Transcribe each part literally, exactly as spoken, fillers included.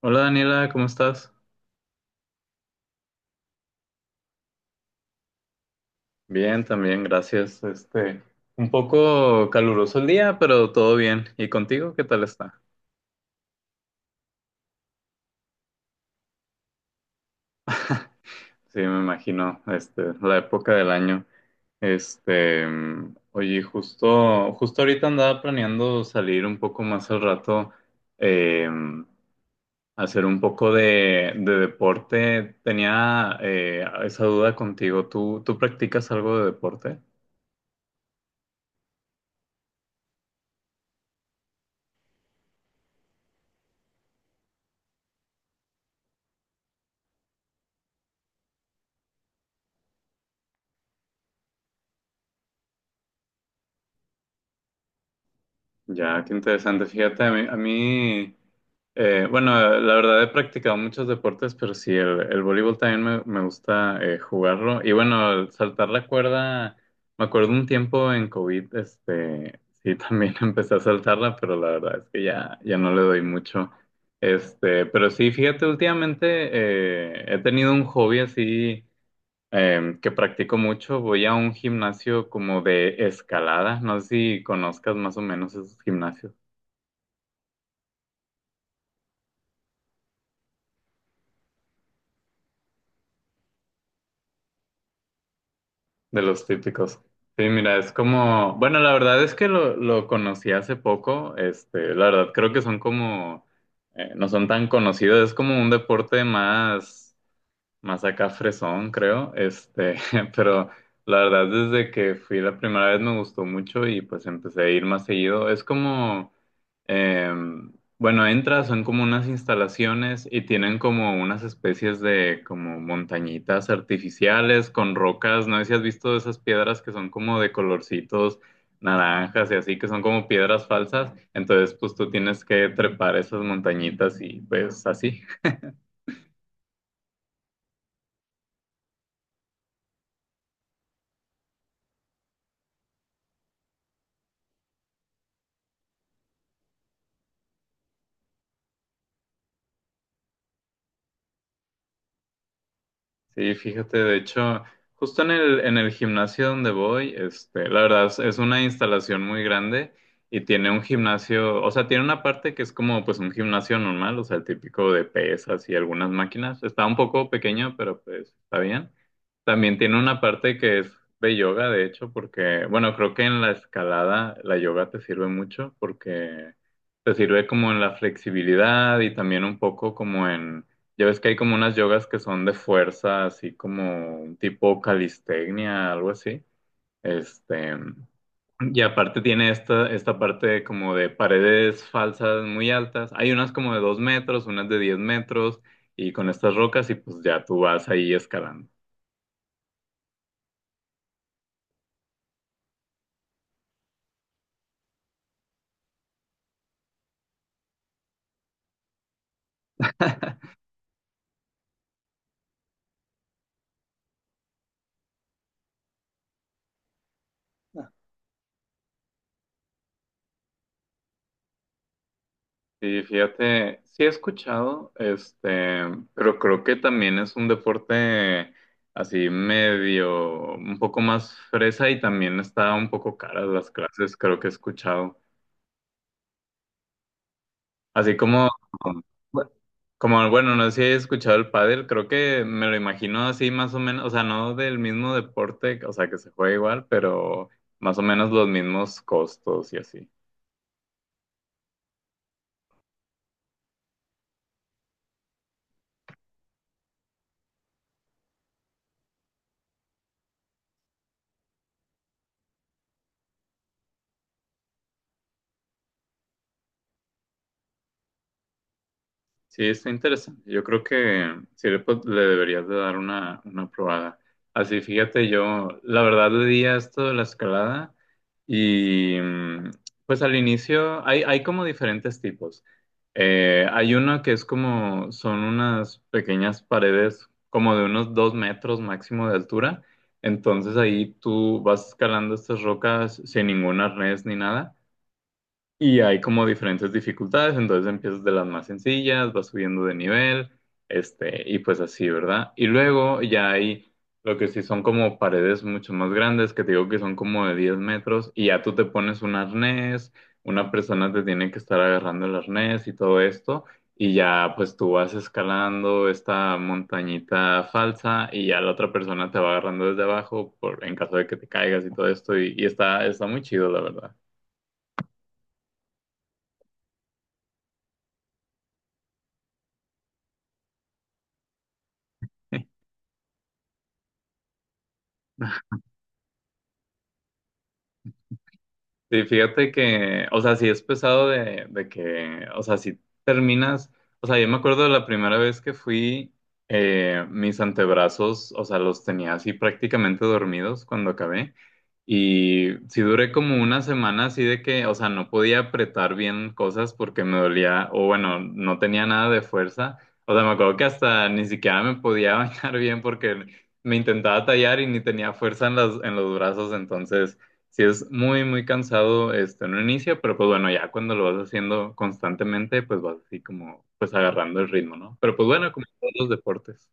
Hola Daniela, ¿cómo estás? Bien, también, gracias. Este, un poco caluroso el día, pero todo bien. ¿Y contigo qué tal está? Sí, me imagino, este, la época del año. Este, mm, oye, justo, justo ahorita andaba planeando salir un poco más al rato, eh, mm, hacer un poco de, de deporte. Tenía eh, esa duda contigo. ¿Tú, tú practicas algo de deporte? Ya, qué interesante. Fíjate, a mí, a mí eh, bueno, la verdad he practicado muchos deportes, pero sí, el, el voleibol también me, me gusta eh, jugarlo. Y bueno, el saltar la cuerda, me acuerdo un tiempo en COVID, este, sí, también empecé a saltarla, pero la verdad es que ya, ya no le doy mucho. Este, pero sí, fíjate, últimamente eh, he tenido un hobby así em, que practico mucho. Voy a un gimnasio como de escalada. No sé si conozcas más o menos esos gimnasios de los típicos. Sí, mira, es como, bueno, la verdad es que lo, lo conocí hace poco. Este, la verdad creo que son como, eh, no son tan conocidos. Es como un deporte más, más acá fresón, creo. Este, pero la verdad desde que fui la primera vez me gustó mucho y pues empecé a ir más seguido. Es como Eh, bueno, entras, son como unas instalaciones y tienen como unas especies de como montañitas artificiales con rocas. No sé si has visto esas piedras que son como de colorcitos naranjas y así, que son como piedras falsas. Entonces, pues tú tienes que trepar esas montañitas y pues así. Sí, fíjate, de hecho, justo en el, en el gimnasio donde voy, este, la verdad es, es una instalación muy grande y tiene un gimnasio, o sea, tiene una parte que es como pues un gimnasio normal, o sea, el típico de pesas y algunas máquinas. Está un poco pequeño, pero pues está bien. También tiene una parte que es de yoga, de hecho, porque, bueno, creo que en la escalada la yoga te sirve mucho porque te sirve como en la flexibilidad y también un poco como en ya ves que hay como unas yogas que son de fuerza, así como un tipo calistenia, algo así. Este, y aparte tiene esta, esta parte como de paredes falsas muy altas. Hay unas como de dos metros, unas de diez metros, y con estas rocas, y pues ya tú vas ahí escalando. Sí, fíjate, sí he escuchado, este, pero creo que también es un deporte así medio, un poco más fresa y también está un poco caras las clases, creo que he escuchado. Así como, bueno, como, Bueno, no sé si he escuchado el pádel, creo que me lo imagino así más o menos, o sea, no del mismo deporte, o sea, que se juega igual, pero más o menos los mismos costos y así. Sí, está interesante. Yo creo que sí le, pod- le deberías de dar una, una probada. Así, fíjate, yo la verdad le di a esto de la escalada y mm, pues al inicio hay, hay como diferentes tipos. Eh, hay uno que es como, son unas pequeñas paredes como de unos dos metros máximo de altura. Entonces ahí tú vas escalando estas rocas sin ningún arnés ni nada. Y hay como diferentes dificultades, entonces empiezas de las más sencillas, vas subiendo de nivel, este, y pues así, ¿verdad? Y luego ya hay lo que sí son como paredes mucho más grandes, que te digo que son como de diez metros, y ya tú te pones un arnés, una persona te tiene que estar agarrando el arnés y todo esto, y ya pues tú vas escalando esta montañita falsa, y ya la otra persona te va agarrando desde abajo por, en caso de que te caigas y todo esto, y, y está, está muy chido, la verdad. Sí, fíjate que, o sea, sí es pesado de, de que, o sea, si terminas, o sea, yo me acuerdo de la primera vez que fui, eh, mis antebrazos, o sea, los tenía así prácticamente dormidos cuando acabé. Y sí duré como una semana así de que, o sea, no podía apretar bien cosas porque me dolía, o bueno, no tenía nada de fuerza. O sea, me acuerdo que hasta ni siquiera me podía bañar bien porque me intentaba tallar y ni tenía fuerza en las, en los brazos, entonces sí es muy, muy cansado este, en un inicio, pero pues bueno, ya cuando lo vas haciendo constantemente, pues vas así como, pues agarrando el ritmo, ¿no? Pero pues bueno, como en todos los deportes.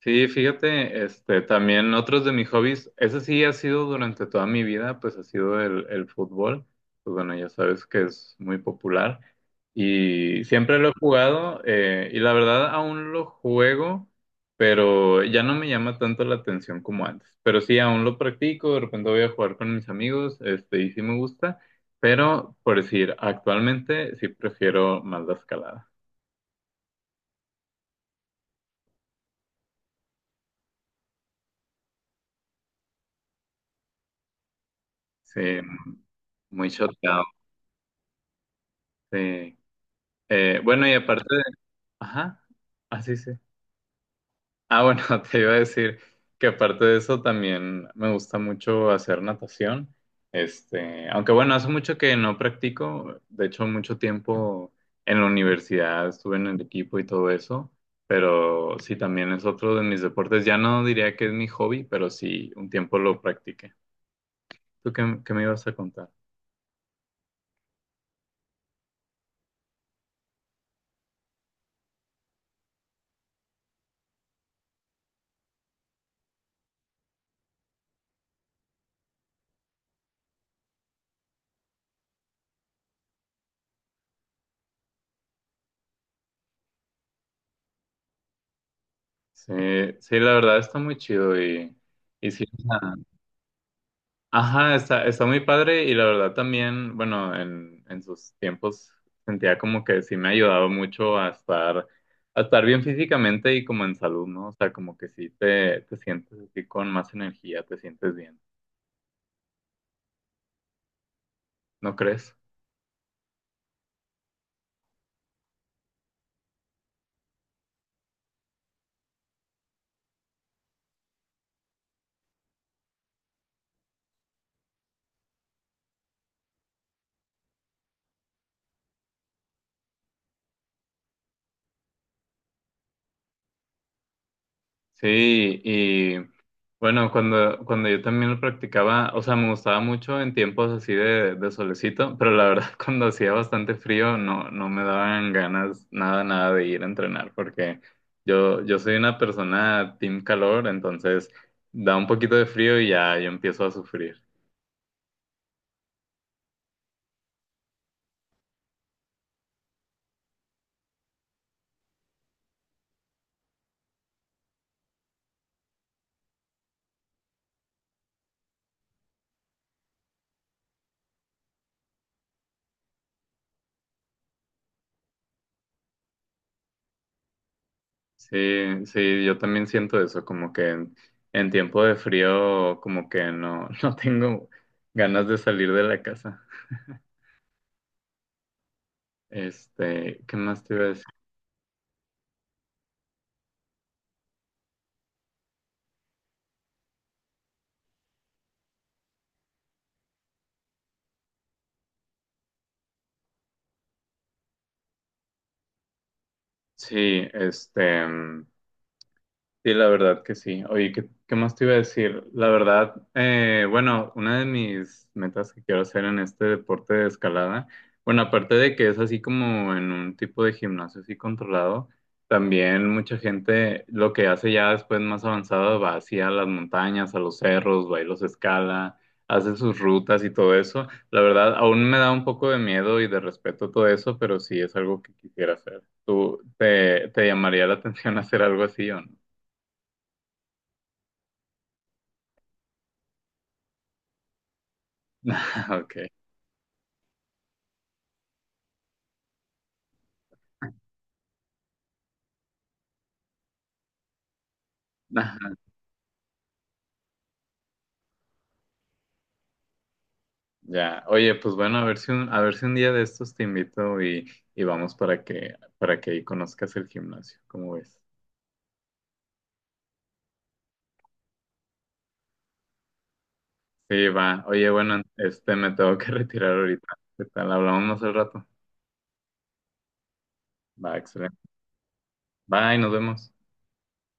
Sí, fíjate, este, también otros de mis hobbies, ese sí ha sido durante toda mi vida, pues ha sido el, el fútbol, pues bueno, ya sabes que es muy popular y siempre lo he jugado eh, y la verdad aún lo juego, pero ya no me llama tanto la atención como antes, pero sí, aún lo practico, de repente voy a jugar con mis amigos, este, y sí me gusta, pero por decir, actualmente sí prefiero más la escalada, sí, muy choteado, sí. Eh, bueno, y aparte... Ajá, así sí. Sí. Ah, bueno, te iba a decir que aparte de eso también me gusta mucho hacer natación. Este, aunque bueno, hace mucho que no practico, de hecho mucho tiempo en la universidad estuve en el equipo y todo eso, pero sí también es otro de mis deportes. Ya no diría que es mi hobby, pero sí un tiempo lo practiqué. ¿Tú qué, qué me ibas a contar? Sí, sí, la verdad está muy chido y, y sí. Ajá, está, está muy padre y la verdad también, bueno, en, en sus tiempos sentía como que sí me ayudaba mucho a estar, a estar, bien físicamente y como en salud, ¿no? O sea, como que sí te, te sientes así con más energía, te sientes bien, ¿no crees? Sí, y bueno, cuando, cuando yo también lo practicaba, o sea, me gustaba mucho en tiempos así de, de solecito, pero la verdad cuando hacía bastante frío no, no me daban ganas nada, nada de ir a entrenar, porque yo, yo soy una persona team calor, entonces da un poquito de frío y ya yo empiezo a sufrir. Sí, sí, yo también siento eso, como que en, en tiempo de frío como que no, no tengo ganas de salir de la casa. Este, ¿qué más te iba a... Sí, este, mm, sí, la verdad que sí. Oye, ¿qué, qué más te iba a decir? La verdad, eh, bueno, una de mis metas que quiero hacer en este deporte de escalada, bueno, aparte de que es así como en un tipo de gimnasio así controlado, también mucha gente lo que hace ya después más avanzado va hacia las montañas, a los cerros, va y los escala, hace sus rutas y todo eso. La verdad, aún me da un poco de miedo y de respeto todo eso, pero sí es algo que quisiera hacer. ¿Tú te, te llamaría la atención hacer algo así o no? Ok, ajá, ya. Oye, pues bueno, a ver si un, a ver si un, día de estos te invito y, y vamos para que, para que ahí conozcas el gimnasio, ¿cómo ves? Sí, va. Oye, bueno, este me tengo que retirar ahorita. ¿Qué tal? Hablamos más al rato. Va, excelente. Bye, nos vemos.